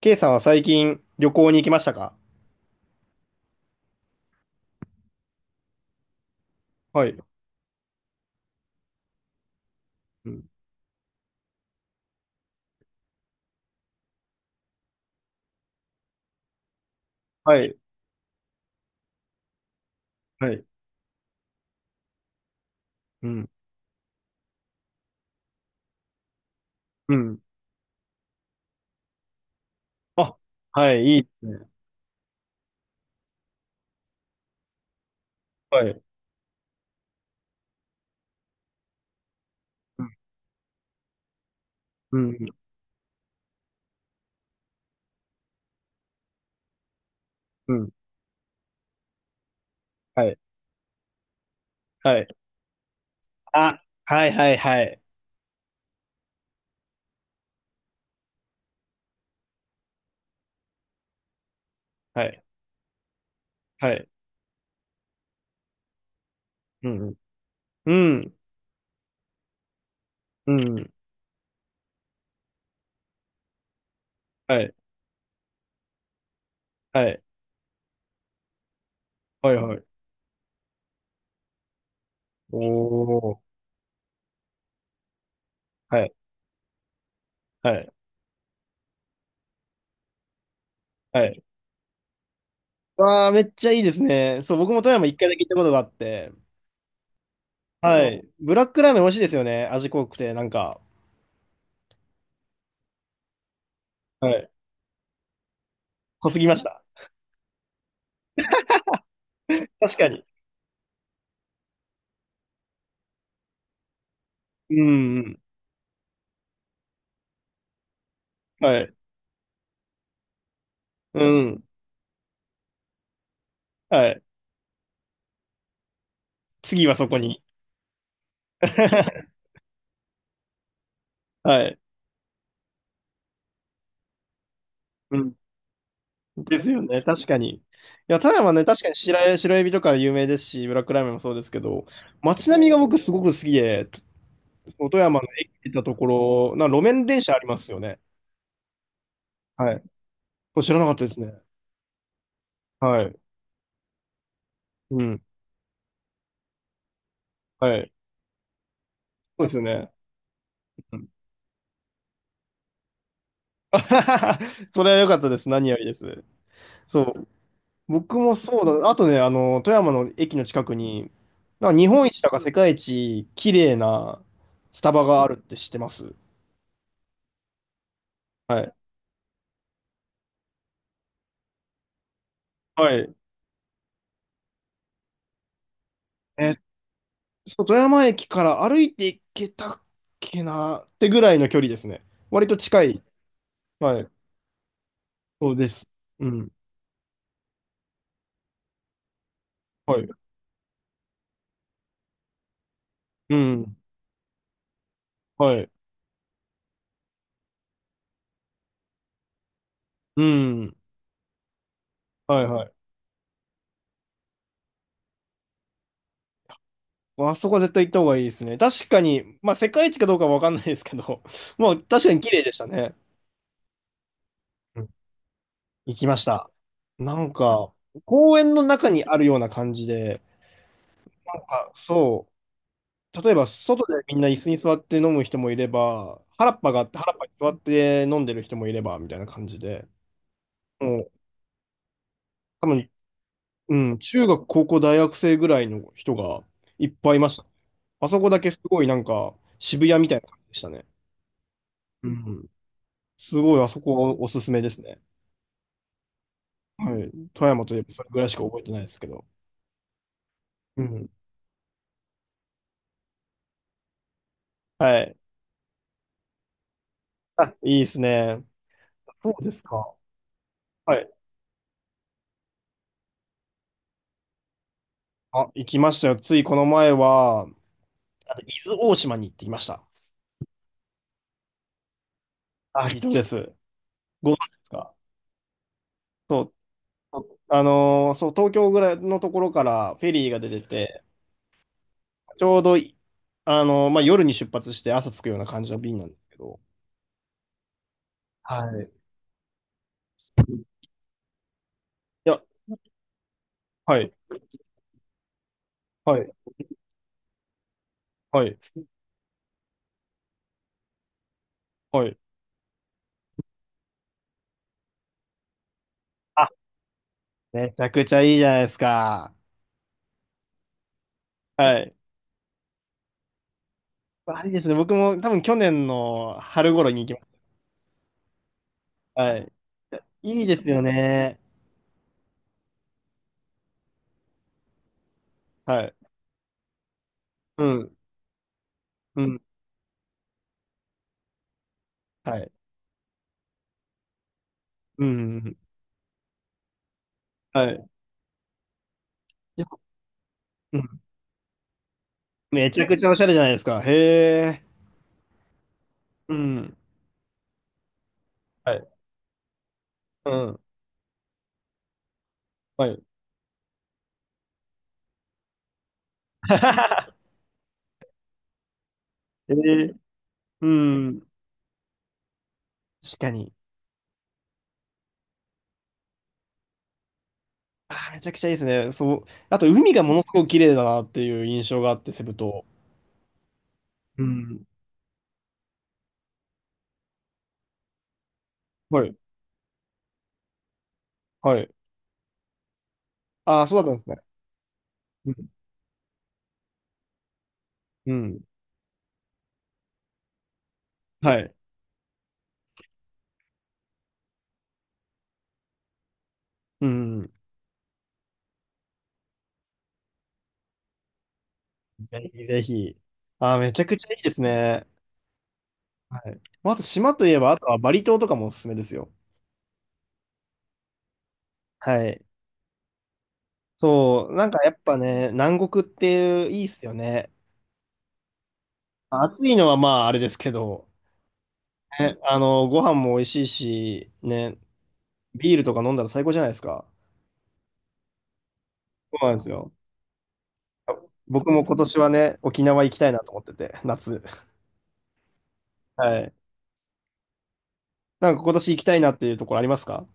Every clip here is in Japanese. K さんは最近旅行に行きましたか？はい。うん。はい。はい。うん。うん。あ、はい。いいですね。はい。うん。うん。うん。はい。はい。あ、はいはいはい。はい。はい。うん。うん。うん。うん。はい。はい。はいはい。おー。はい。はい。はい。わー、めっちゃいいですね。そう、僕も富山一回だけ行ったことがあって。はい。ブラックラーメン美味しいですよね。味濃くて、なんか。はい。濃すぎました。確かに。うん。うん。はい。うん。はい。次はそこに。はい。うん。ですよね。確かに。いや、富山ね、確かに白エビとか有名ですし、ブラックラーメンもそうですけど、街並みが僕すごく好きで、その富山の駅行ったところ、路面電車ありますよね。はい。これ知らなかったですね。はい。うん。はい。そうですよね。うん。 それは良かったです。何よりです。そう。僕もそうだ。あとね、富山の駅の近くに、なんか日本一だか世界一綺麗なスタバがあるって知ってます？はい。はい。えっ富山駅から歩いて行けたっけなってぐらいの距離ですね。割と近い。はい。そうです。うん。はい。うん。はい。うん。はいはい。あそこは絶対行った方がいいですね。確かに、まあ世界一かどうかはわかんないですけど、まあ確かに綺麗でしたね。行きました。なんか、公園の中にあるような感じで、なんか、そう、例えば外でみんな椅子に座って飲む人もいれば、原っぱがあって、原っぱに座って飲んでる人もいれば、みたいな感じで、もう、多分、うん、中学、高校、大学生ぐらいの人がいっぱいいました。あそこだけすごいなんか、渋谷みたいな感じでしたね。うん。すごい、あそこおすすめですね。はい。富山といえばそれぐらいしか覚えてないですけど。うん。はい。あ、いいですね。そうですか。はい。あ、行きましたよ。ついこの前は、伊豆大島に行ってきました。あ、離島です。ご存知ですか？そう。そう、東京ぐらいのところからフェリーが出てて、ちょうどい、まあ、夜に出発して朝着くような感じの便なんですけど。はい。いや、はい、はい、はい、はい。あ、めちゃくちゃいいじゃないですか。はい。あれですね。僕も多分去年の春頃に行きました。はい。いやいいですよね。はい。うん、うん、はい。うん。はい。やっぱ、うん。めちゃくちゃおしゃれじゃないですか。へえ。うん。はい。うん。はい。えーうん。確かに。あー、めちゃくちゃいいですね。そう。あと、海がものすごく綺麗だなっていう印象があって、セブ島。うん。はい。はい。ああ、そうだったんですね。うん。うん。はい。うん。ぜひぜひ。ああ、めちゃくちゃいいですね。はい。まああと、島といえば、あとはバリ島とかもおすすめですよ。はい。そう、なんかやっぱね、南国っていいっすよね。暑いのはまああれですけど、ね、ご飯も美味しいし、ね、ビールとか飲んだら最高じゃないですか。そうなんですよ。僕も今年はね、沖縄行きたいなと思ってて、夏。はい。なんか今年行きたいなっていうところありますか？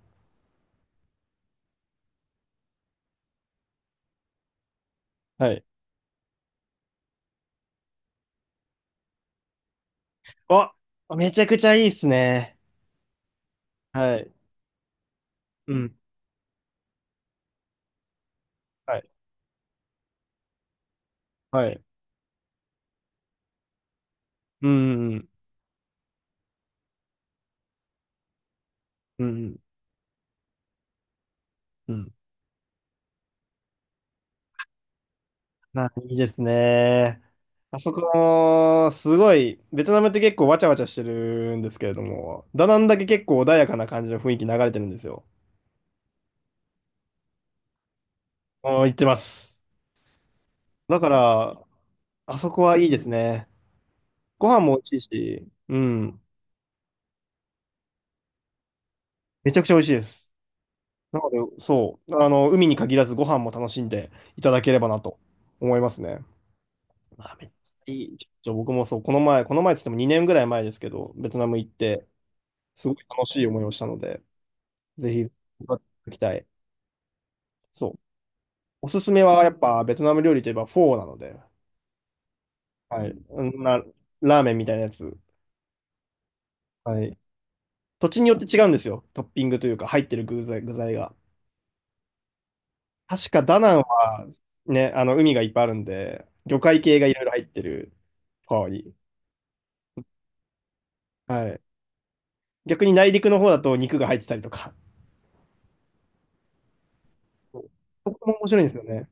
はい。あ、めちゃくちゃいいっすね。はい。うん。はい。はい。うん。うん。うん。うん。まあ、いいですね。あそこ、すごい、ベトナムって結構わちゃわちゃしてるんですけれども、ダナンだけ結構穏やかな感じの雰囲気流れてるんですよ。あー、行ってます。だから、あそこはいいですね。ご飯も美味しいし、うん、めちゃくちゃ美味しいです。なので、そう、海に限らずご飯も楽しんでいただければなと思いますね。まあ、めっちゃいい。ちょっと僕もそう、この前って言っても2年ぐらい前ですけど、ベトナム行って、すごい楽しい思いをしたので、ぜひ、行きたい。そう。おすすめはやっぱベトナム料理といえばフォーなので、はい。うん、ラーメンみたいなやつ。はい。土地によって違うんですよ。トッピングというか入ってる具材が。確かダナンはね、海がいっぱいあるんで、魚介系がいろいろ入ってるフォーに。はい。逆に内陸の方だと肉が入ってたりとか。そう、そこも面白いんですよね。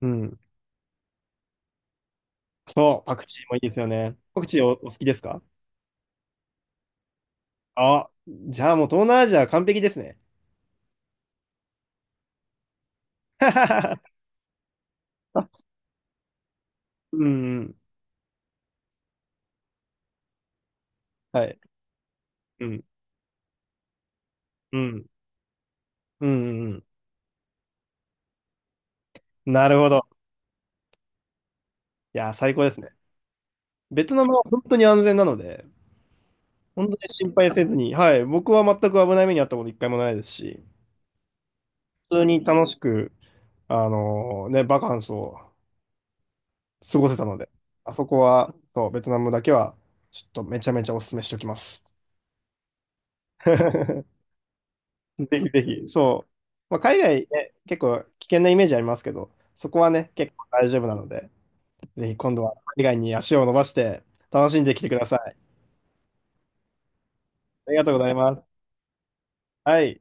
うん。そう、パクチーもいいですよね。パクチーお好きですか？あ、じゃあもう東南アジア完璧ですね。うん、うん。はい。うん、うん、うん、うん。なるほど。いや、最高ですね。ベトナムは本当に安全なので、本当に心配せずに、はい、僕は全く危ない目に遭ったこと一回もないですし、普通に楽しく、ね、バカンスを過ごせたので、あそこは、そう、ベトナムだけは、ちょっとめちゃめちゃお勧めしておきます。ぜひぜひ、そう。まあ、海外ね、結構危険なイメージありますけど、そこはね、結構大丈夫なので、ぜひ今度は海外に足を伸ばして楽しんできてください。ありがとうございます。はい。